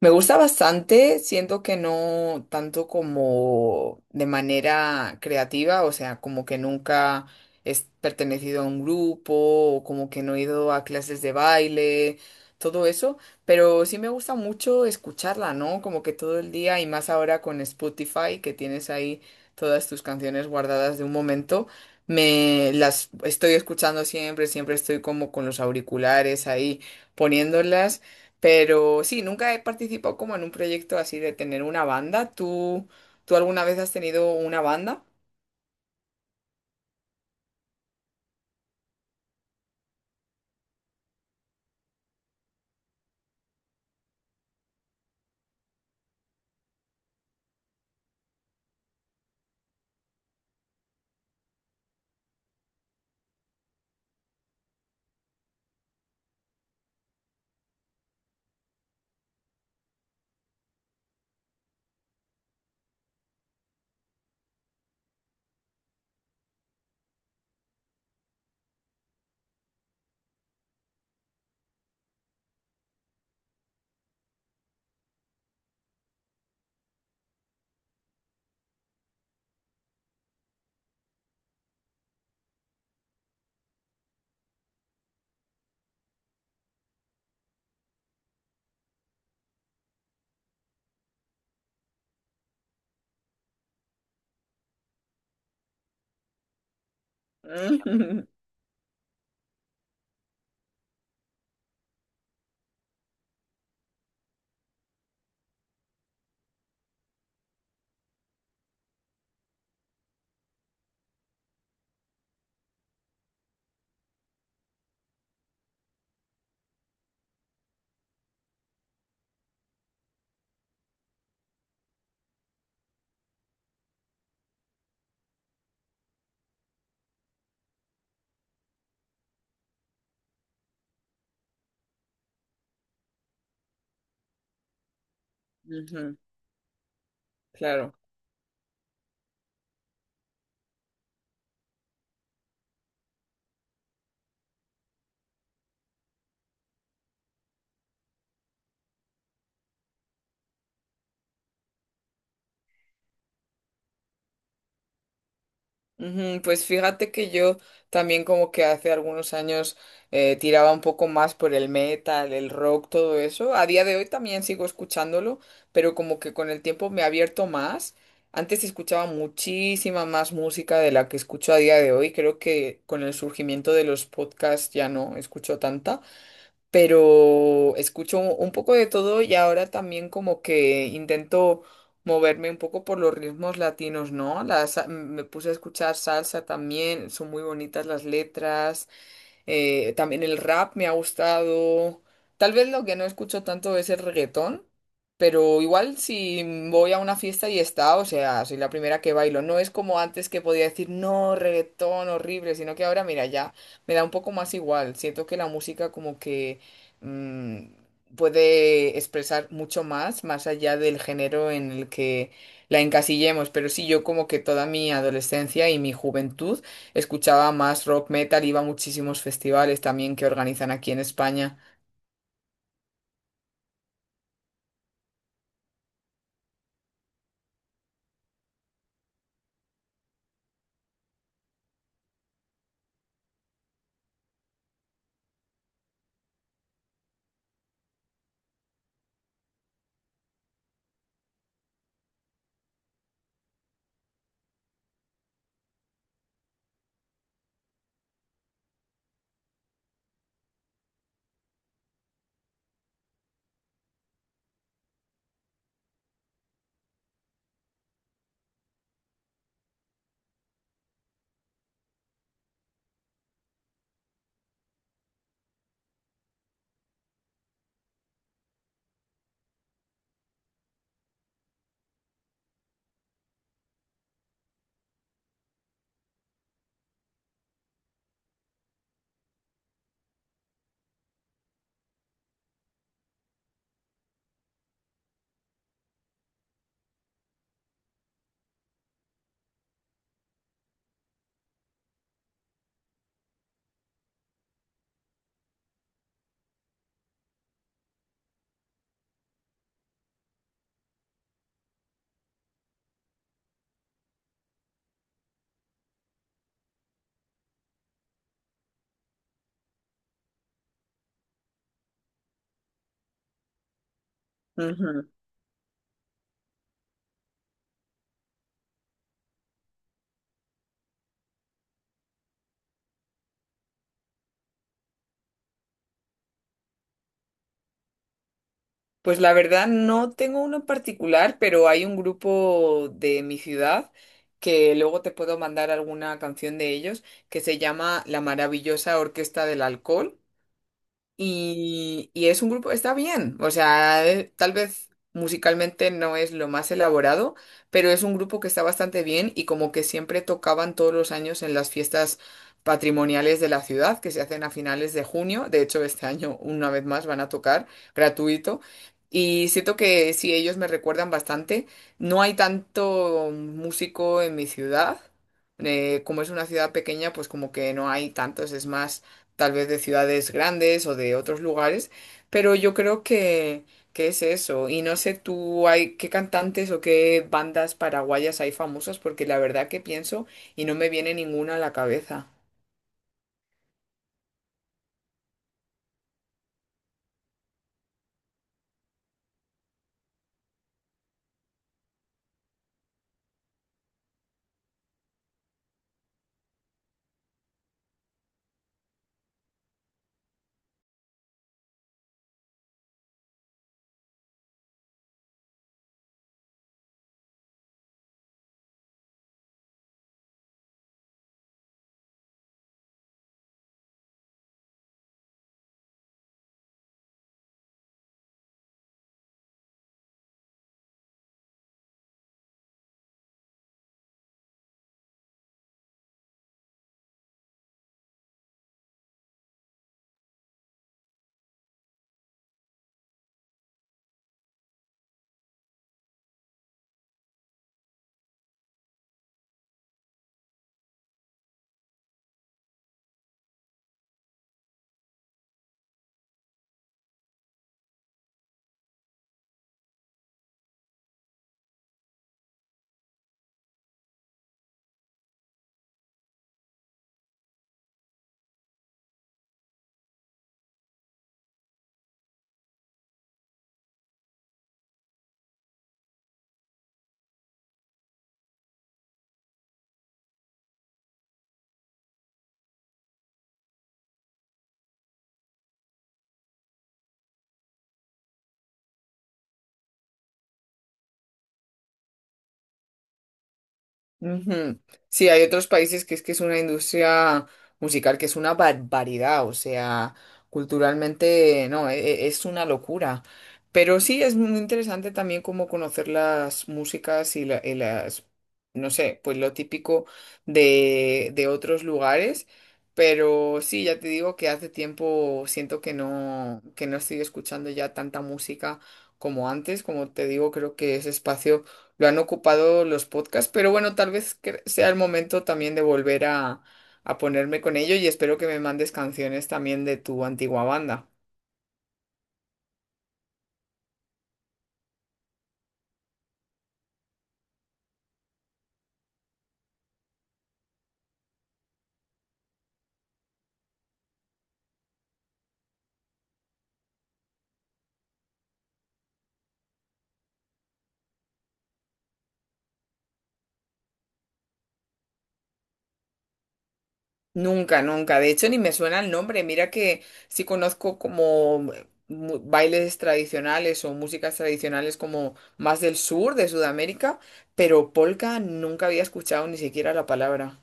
Me gusta bastante, siento que no tanto como de manera creativa, o sea, como que nunca he pertenecido a un grupo o como que no he ido a clases de baile, todo eso, pero sí me gusta mucho escucharla, ¿no? Como que todo el día y más ahora con Spotify que tienes ahí todas tus canciones guardadas de un momento, me las estoy escuchando siempre, siempre estoy como con los auriculares ahí poniéndolas. Pero sí, nunca he participado como en un proyecto así de tener una banda. ¿Tú alguna vez has tenido una banda? Ujú, ujú. Claro. Ujú. Pues fíjate que yo también como que hace algunos años tiraba un poco más por el metal, el rock, todo eso. A día de hoy también sigo escuchándolo, pero como que con el tiempo me he abierto más. Antes escuchaba muchísima más música de la que escucho a día de hoy. Creo que con el surgimiento de los podcasts ya no escucho tanta, pero escucho un poco de todo y ahora también como que intento moverme un poco por los ritmos latinos, ¿no? Me puse a escuchar salsa también, son muy bonitas las letras. También el rap me ha gustado. Tal vez lo que no escucho tanto es el reggaetón, pero igual si voy a una fiesta y está, o sea, soy la primera que bailo. No es como antes que podía decir, no, reggaetón horrible, sino que ahora, mira, ya me da un poco más igual. Siento que la música como que mm, puede expresar mucho más, más allá del género en el que la encasillemos. Pero sí, yo como que toda mi adolescencia y mi juventud escuchaba más rock metal, iba a muchísimos festivales también que organizan aquí en España. Ujú. Pues la verdad no tengo uno en particular, pero hay un grupo de mi ciudad que luego te puedo mandar alguna canción de ellos que se llama La Maravillosa Orquesta del Alcohol. Y es un grupo, está bien, o sea, tal vez musicalmente no es lo más elaborado, pero es un grupo que está bastante bien y como que siempre tocaban todos los años en las fiestas patrimoniales de la ciudad, que se hacen a finales de junio. De hecho, este año una vez más van a tocar gratuito. Y siento que sí, ellos me recuerdan bastante. No hay tanto músico en mi ciudad, como es una ciudad pequeña, pues como que no hay tantos, es más tal vez de ciudades grandes o de otros lugares, pero yo creo que es eso. Y no sé tú, hay, qué cantantes o qué bandas paraguayas hay famosas, porque la verdad que pienso y no me viene ninguna a la cabeza. Ujú. Sí, hay otros países que es una industria musical que es una barbaridad, o sea, culturalmente no, es una locura. Pero sí es muy interesante también como conocer las músicas y, y las, no sé, pues lo típico de otros lugares. Pero sí, ya te digo que hace tiempo siento que no estoy escuchando ya tanta música como antes. Como te digo, creo que ese espacio lo han ocupado los podcasts, pero bueno, tal vez sea el momento también de volver a ponerme con ello, y espero que me mandes canciones también de tu antigua banda. Nunca, nunca. De hecho, ni me suena el nombre. Mira que sí conozco como bailes tradicionales o músicas tradicionales como más del sur de Sudamérica, pero polka nunca había escuchado ni siquiera la palabra.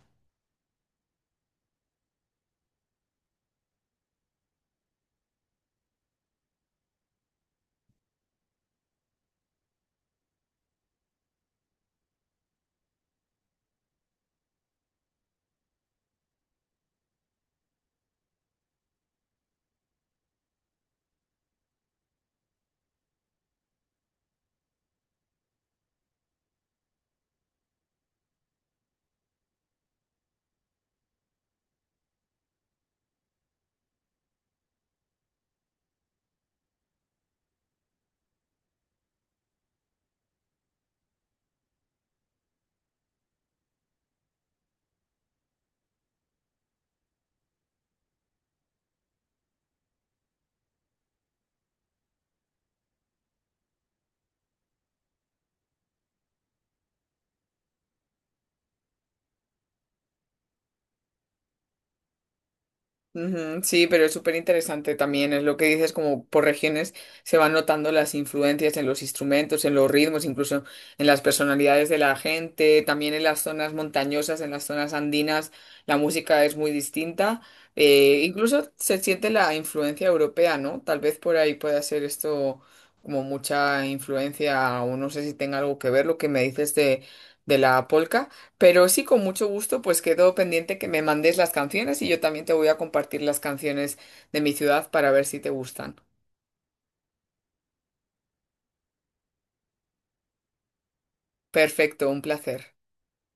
Ujú. Sí, pero es súper interesante también, es lo que dices, como por regiones se van notando las influencias en los instrumentos, en los ritmos, incluso en las personalidades de la gente, también en las zonas montañosas, en las zonas andinas, la música es muy distinta. Eh, incluso se siente la influencia europea, ¿no? Tal vez por ahí pueda ser esto como mucha influencia, o no sé si tenga algo que ver lo que me dices de la polca. Pero sí, con mucho gusto, pues quedo pendiente que me mandes las canciones y yo también te voy a compartir las canciones de mi ciudad para ver si te gustan. Perfecto, un placer.